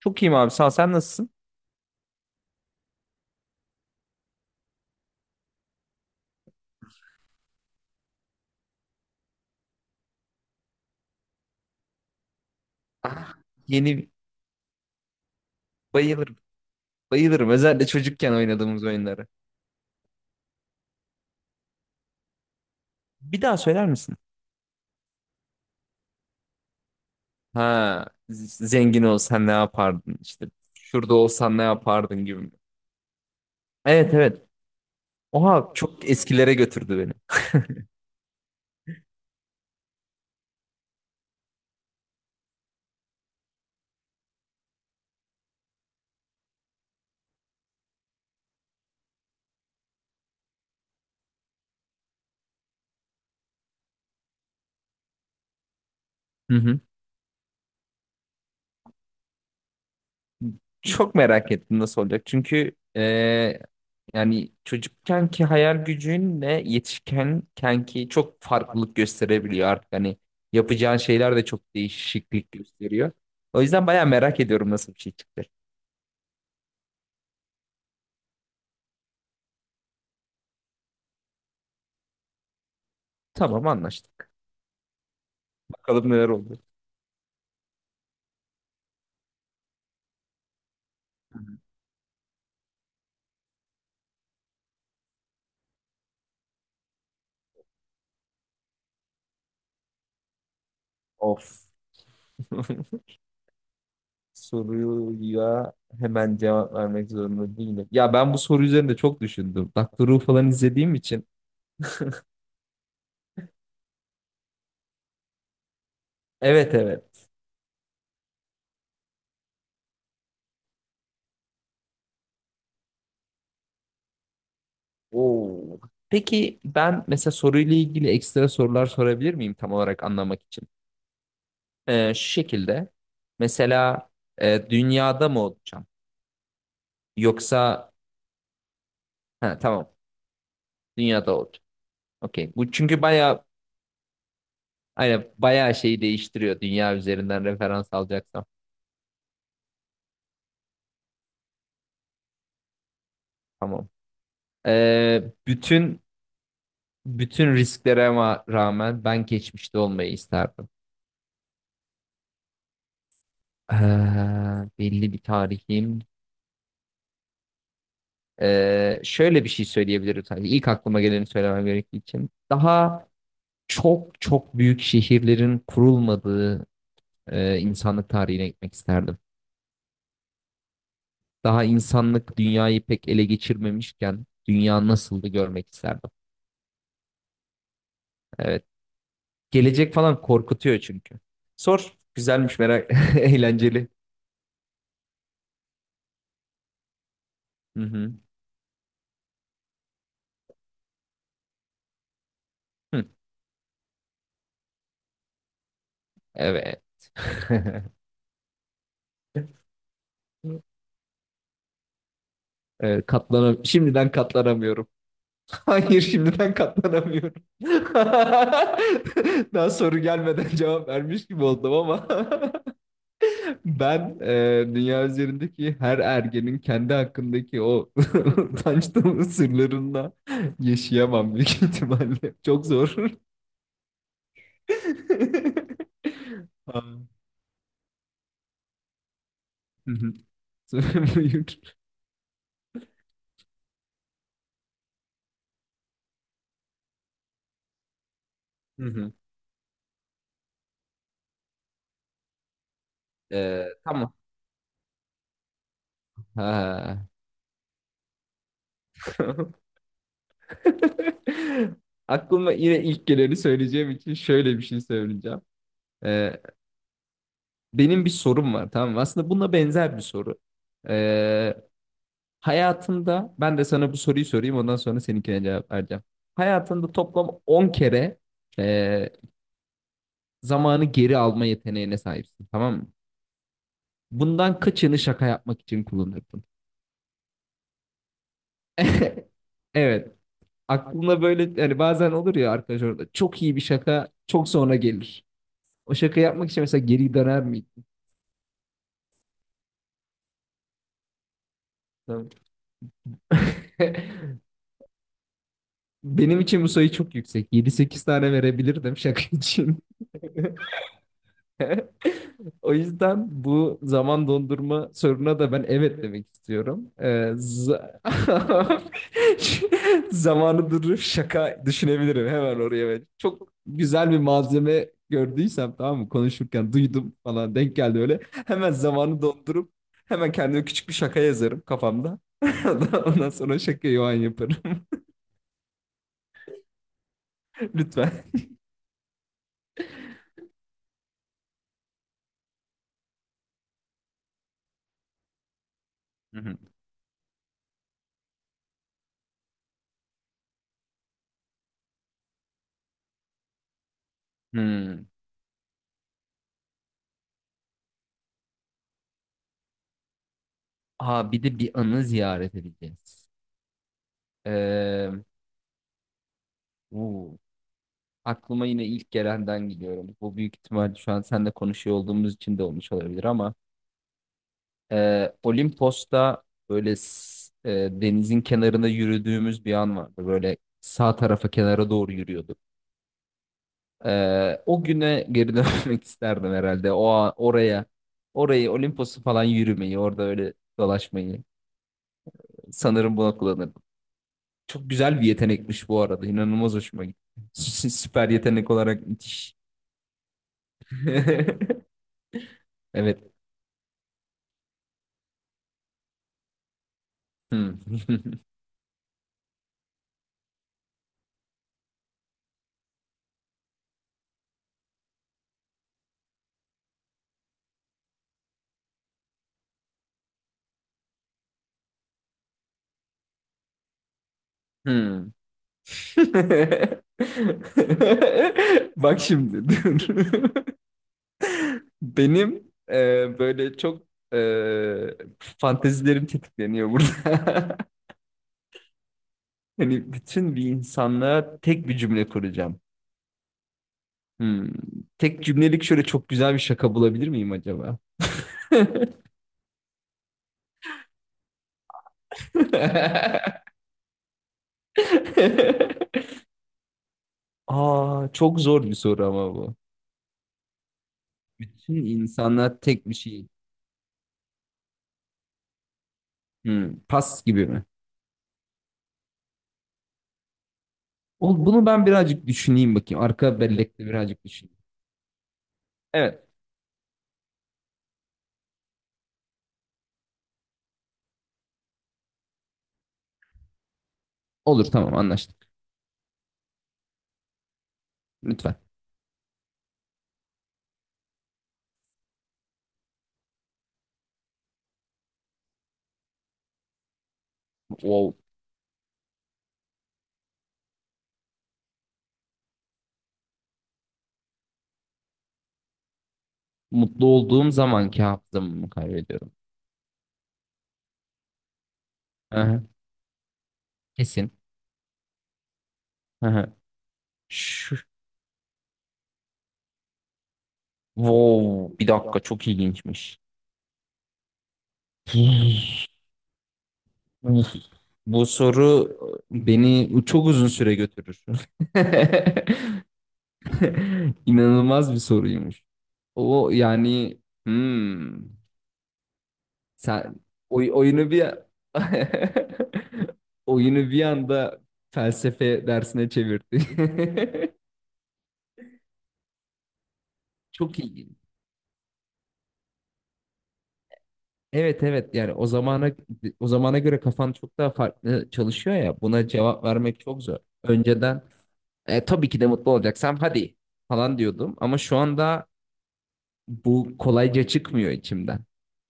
Çok iyiyim abi sağ ol. Sen nasılsın? Ah, yeni bayılırım. Bayılırım. Özellikle çocukken oynadığımız oyunları. Bir daha söyler misin? Ha, zengin olsan ne yapardın? İşte şurada olsan ne yapardın gibi. Mi? Evet, evet. Oha çok eskilere götürdü beni. Hı hı. Çok merak ettim nasıl olacak. Çünkü e, yani çocukkenki hayal gücünle yetişkenkenki çok farklılık gösterebiliyor artık. Hani yapacağın şeyler de çok değişiklik gösteriyor. O yüzden bayağı merak ediyorum nasıl bir şey çıkacak. Tamam, anlaştık. Bakalım neler oldu. Of. Soruya hemen cevap vermek zorunda değilim. Ya ben bu soru üzerinde çok düşündüm. Doctor Who falan izlediğim için. Evet, evet. Oo. Peki ben mesela soruyla ilgili ekstra sorular sorabilir miyim tam olarak anlamak için? Şu şekilde mesela dünyada mı olacağım? Yoksa ha, tamam, dünyada olacağım. Okey. Bu çünkü bayağı hani bayağı şeyi değiştiriyor dünya üzerinden referans alacaksam. Tamam. Ee, bütün bütün risklere rağmen ben geçmişte olmayı isterdim. Ee, Belli bir tarihim şöyle bir şey söyleyebilirim sadece. İlk aklıma geleni söylemem gerektiği için. Daha çok büyük şehirlerin kurulmadığı insanlık tarihine gitmek isterdim. Daha insanlık dünyayı pek ele geçirmemişken dünya nasıldı görmek isterdim. Evet. Gelecek falan korkutuyor çünkü. Sor. Güzelmiş merak. Eğlenceli. Hı hı. Hı. Evet. Şimdiden katlanamıyorum. Hayır, şimdiden katlanamıyorum. Daha soru gelmeden cevap vermiş gibi oldum ama ben dünya üzerindeki her ergenin kendi hakkındaki o utanç dolu sırlarında yaşayamam büyük ihtimalle. Çok zor. Ha. Hı hı. Buyur. Hı hı. Tamam. Ha. Aklıma yine ilk geleni söyleyeceğim için şöyle bir şey söyleyeceğim. Ee, Benim bir sorum var, tamam mı? Aslında buna benzer bir soru. Ee, Hayatında ben de sana bu soruyu sorayım, ondan sonra seninkine cevap vereceğim. Hayatında toplam 10 kere e, zamanı geri alma yeteneğine sahipsin, tamam mı? Bundan kaçını şaka yapmak için kullanırdın? Evet. Aklına böyle hani bazen olur ya arkadaş, orada çok iyi bir şaka çok sonra gelir. O şaka yapmak için mesela geri döner miydin? Tamam. Benim için bu sayı çok yüksek. Yedi sekiz tane verebilirdim şaka için. O yüzden bu zaman dondurma soruna da ben evet demek istiyorum. Za- Zamanı durup şaka düşünebilirim hemen oraya. Ben. Çok güzel bir malzeme gördüysem, tamam mı, konuşurken duydum falan, denk geldi öyle. Hemen zamanı dondurup hemen kendime küçük bir şaka yazarım kafamda. Ondan sonra şakayı o an yaparım. Lütfen. Hı hı. Hmm. Aa, bir de bir anı ziyaret edeceğiz. Ee, uu, Aklıma yine ilk gelenden gidiyorum. Bu büyük ihtimal şu an seninle konuşuyor olduğumuz için de olmuş olabilir ama Olimpos'ta böyle denizin kenarında yürüdüğümüz bir an vardı. Böyle sağ tarafa kenara doğru yürüyorduk. E, o güne geri dönmek isterdim herhalde. Oraya, orayı Olimpos'u falan yürümeyi, orada öyle dolaşmayı sanırım buna kullanırdım. Çok güzel bir yetenekmiş bu arada. İnanılmaz hoşuma gitti. Süper yetenek olarak müthiş. Evet. Hmm. Hmm. Bak şimdi dur. Benim böyle çok e, fantezilerim tetikleniyor burada. Hani bütün bir insanla tek bir cümle kuracağım. Hmm. Tek cümlelik şöyle çok güzel bir şaka bulabilir miyim acaba? Aa, çok zor bir soru ama bu. Bütün insanlar tek bir şey. Hmm, pas gibi mi? Bunu ben birazcık düşüneyim bakayım. Arka bellekte birazcık düşüneyim. Evet. Olur, tamam, anlaştık. Lütfen. Wow. Mutlu olduğum zamanki hafızamı mı kaybediyorum? Aha, kesin. Aha. Şu. Wow. Bir dakika, çok ilginçmiş. Uf, bu soru beni çok uzun süre götürür. İnanılmaz bir soruymuş. O yani hmm. Sen oyunu bir oyunu bir anda felsefe dersine çevirdin. Çok iyi. Evet, evet, yani o zamana göre kafan çok daha farklı çalışıyor ya, buna cevap vermek çok zor. Önceden "E, tabii ki de mutlu olacaksam hadi falan diyordum ama şu anda bu kolayca çıkmıyor içimden.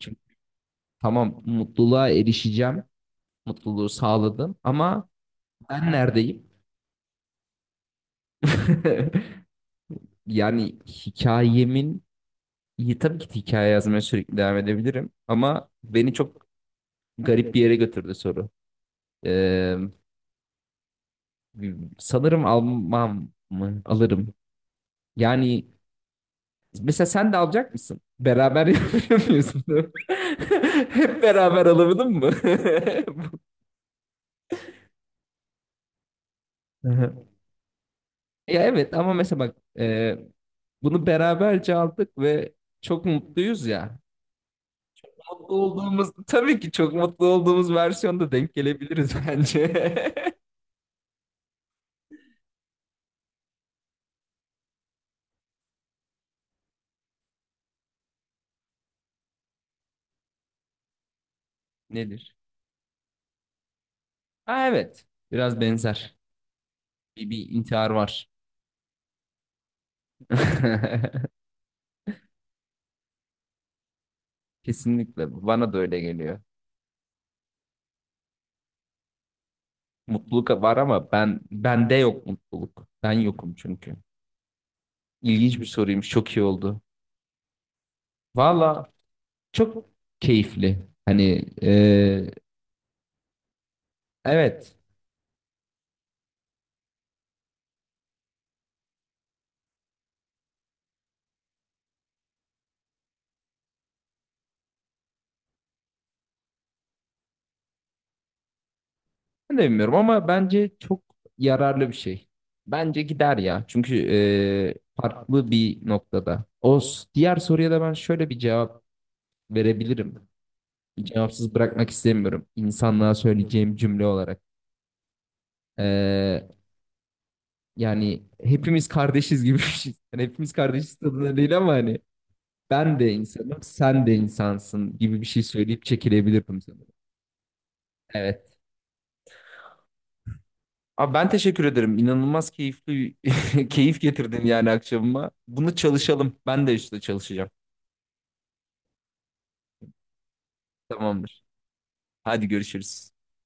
Çünkü tamam, mutluluğa erişeceğim, mutluluğu sağladım ama ben neredeyim? Yani hikayemin iyi, tabii ki hikaye yazmaya sürekli devam edebilirim ama beni çok garip bir yere götürdü soru. Ee, Sanırım almam mı? Alırım. Yani mesela sen de alacak mısın? Beraber yapıyorsun. Hep beraber alamadın mı? Hı hı. Ya evet, ama mesela bak, bunu beraberce aldık ve çok mutluyuz ya. Mutlu olduğumuz, tabii ki çok mutlu olduğumuz versiyonda denk gelebiliriz bence. Nedir? Ha evet. Biraz benzer. Bir intihar var. Kesinlikle bana da öyle geliyor. Mutluluk var ama ben, bende yok mutluluk. Ben yokum çünkü. İlginç bir soruymuş. Çok iyi oldu. Valla çok keyifli. Hani e, evet. Ben de bilmiyorum ama bence çok yararlı bir şey. Bence gider ya. Çünkü e, farklı bir noktada. Diğer soruya da ben şöyle bir cevap verebilirim. Cevapsız bırakmak istemiyorum. İnsanlığa söyleyeceğim cümle olarak. E, yani hepimiz kardeşiz gibi bir şey. Yani hepimiz kardeşiz tadında değil ama hani ben de insanım, sen de insansın gibi bir şey söyleyip çekilebilirdim sanırım. Evet. Abi ben teşekkür ederim. İnanılmaz keyifli keyif getirdin yani akşamıma. Bunu çalışalım. Ben de işte çalışacağım. Tamamdır. Hadi görüşürüz.